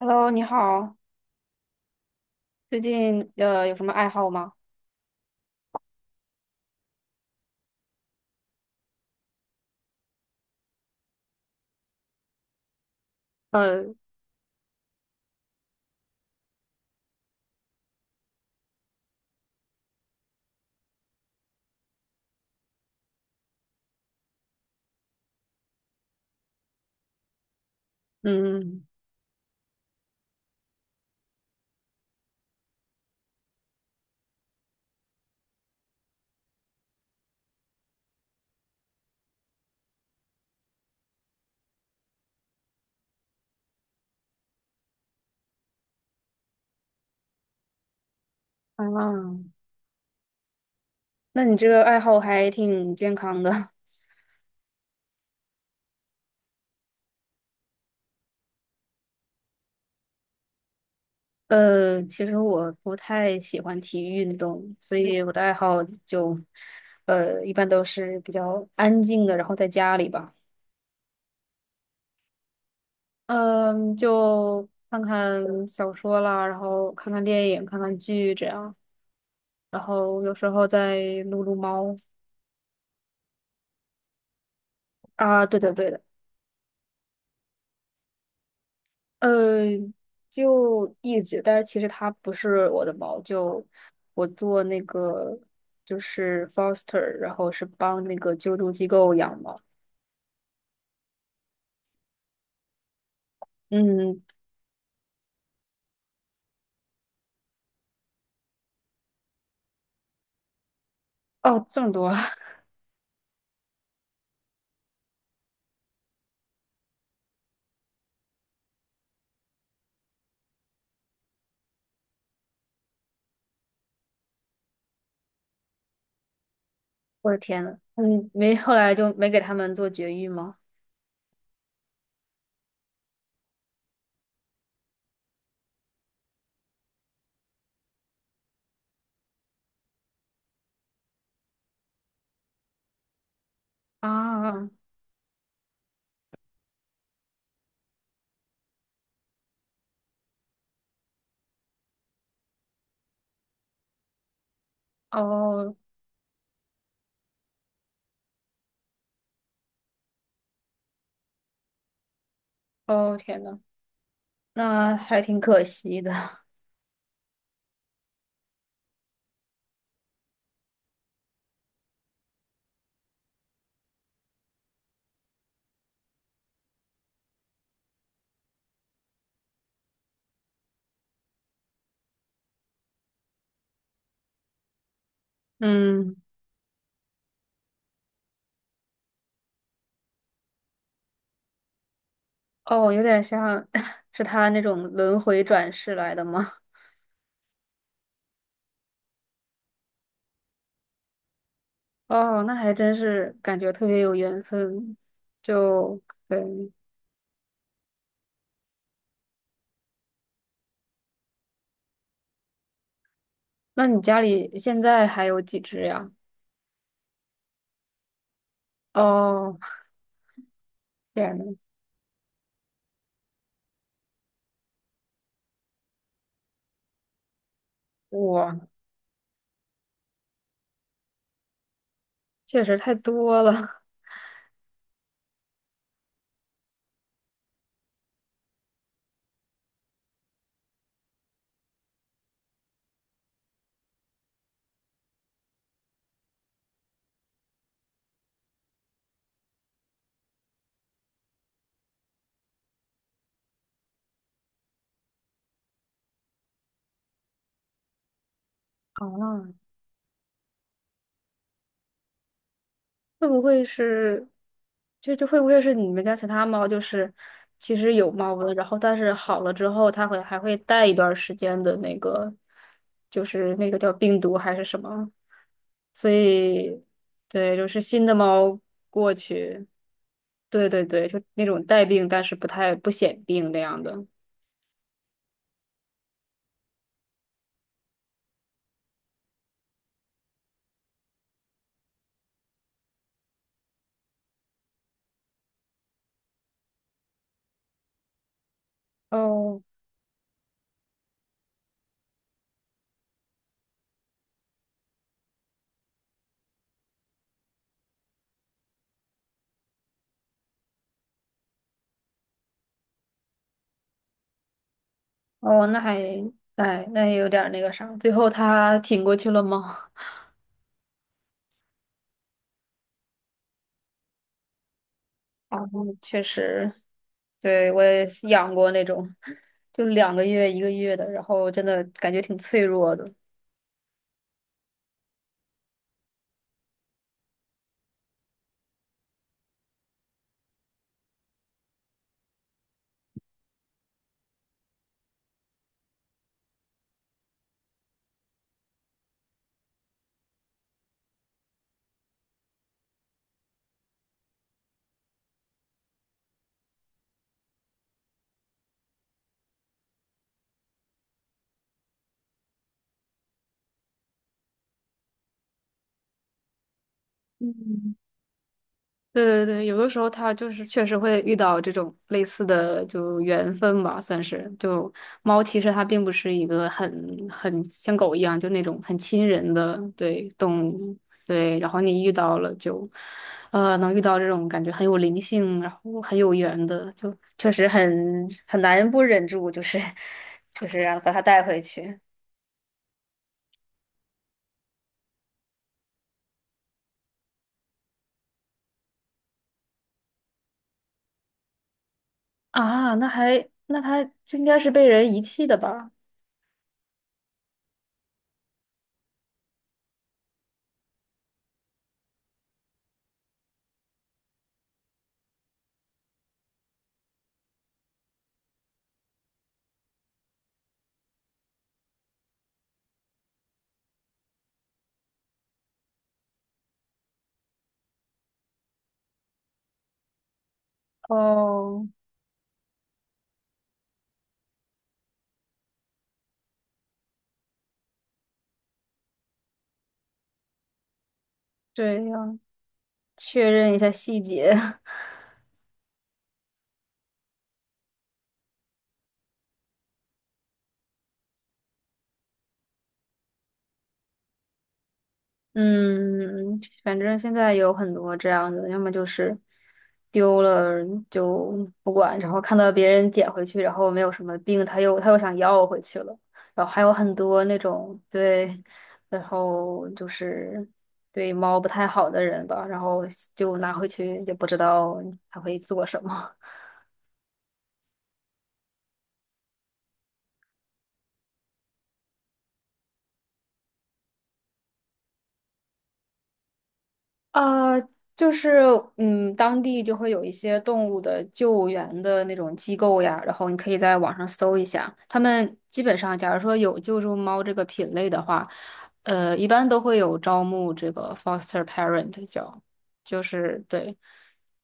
Hello，你好，最近有什么爱好吗？呃，嗯，啊，那你这个爱好还挺健康的。其实我不太喜欢体育运动，所以我的爱好就，一般都是比较安静的，然后在家里吧，嗯，就看看小说啦，然后看看电影，看看剧这样，然后有时候再撸撸猫啊，对的对的，呃，就一直，但是其实它不是我的猫，就我做那个就是 foster，然后是帮那个救助机构养猫。嗯，哦，这么多啊，我的天呐，嗯，没，后来就没给他们做绝育吗？啊，哦，哦，天呐，那还挺可惜的。嗯，哦，有点像 是他那种轮回转世来的吗？哦，那还真是感觉特别有缘分，就对。那你家里现在还有几只呀？哦，天呐，哇，确实太多了 啊！会不会是，这会不会是你们家其他猫？就是其实有猫瘟，然后但是好了之后，它会还会带一段时间的那个，就是那个叫病毒还是什么？所以，对，就是新的猫过去。对对对，就那种带病但是不太不显病那样的。哦哦，那还哎，那也有点儿那个啥。最后他挺过去了吗？啊，确实，对，我也是养过那种，就两个月、一个月的，然后真的感觉挺脆弱的。嗯。对对对，有的时候它就是确实会遇到这种类似的就缘分吧，算是。就猫其实它并不是一个很像狗一样就那种很亲人的对动物，对。然后你遇到了就，能遇到这种感觉很有灵性，然后很有缘的，就确实很难不忍住，就是 就是让把它带回去啊。那还那它就应该是被人遗弃的吧？哦，对呀、确认一下细节。嗯，反正现在有很多这样的，要么就是丢了就不管，然后看到别人捡回去，然后没有什么病，他又想要回去了，然后还有很多那种对，然后就是对猫不太好的人吧，然后就拿回去也不知道他会做什么。呃，就是嗯，当地就会有一些动物的救援的那种机构呀，然后你可以在网上搜一下，他们基本上，假如说有救助猫这个品类的话，一般都会有招募这个 foster parent 叫，就是对，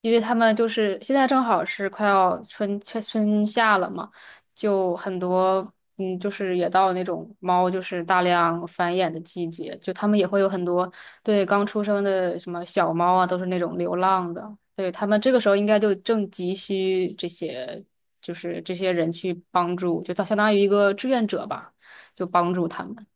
因为他们就是现在正好是快要春夏了嘛，就很多。嗯，就是也到那种猫就是大量繁衍的季节，就他们也会有很多对，刚出生的什么小猫啊，都是那种流浪的。对，他们这个时候应该就正急需这些，就是这些人去帮助，就相当于一个志愿者吧，就帮助他们。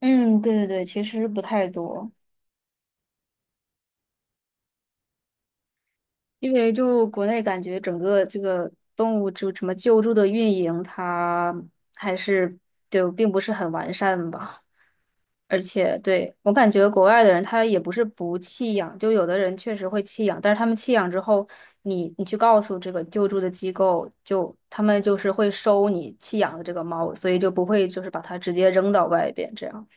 嗯，对对对，其实不太多。因为就国内感觉整个这个动物就什么救助的运营，它还是就并不是很完善吧。而且对，我感觉国外的人他也不是不弃养，就有的人确实会弃养，但是他们弃养之后，你去告诉这个救助的机构，就他们就是会收你弃养的这个猫，所以就不会就是把它直接扔到外边这样。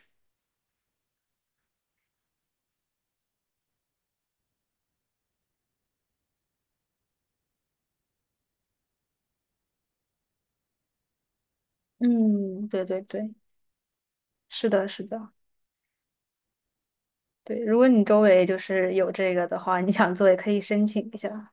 嗯，对对对，是的，是的，对。如果你周围就是有这个的话，你想做也可以申请一下。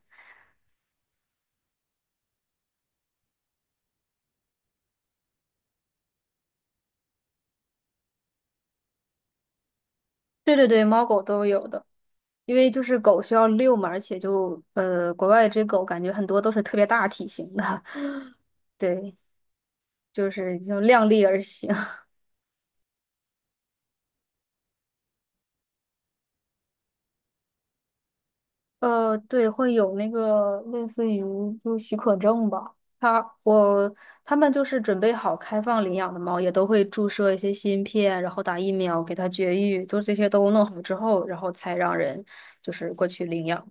对对对，猫狗都有的，因为就是狗需要遛嘛，而且就国外这狗感觉很多都是特别大体型的，对。就是就量力而行。对，会有那个类似于就是许可证吧。他我他们就是准备好开放领养的猫，也都会注射一些芯片，然后打疫苗给它绝育，就这些都弄好之后，然后才让人就是过去领养。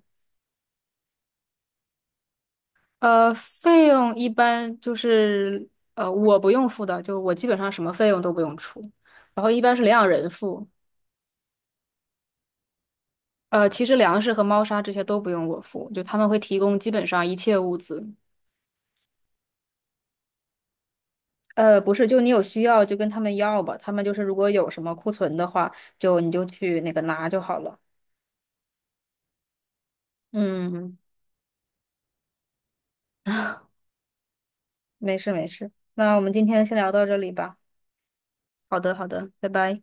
费用一般就是我不用付的，就我基本上什么费用都不用出，然后一般是领养人付。其实粮食和猫砂这些都不用我付，就他们会提供基本上一切物资。不是，就你有需要就跟他们要吧，他们就是如果有什么库存的话，就你就去那个拿就好了。嗯，没事没事，那我们今天先聊到这里吧。好的好的，拜拜。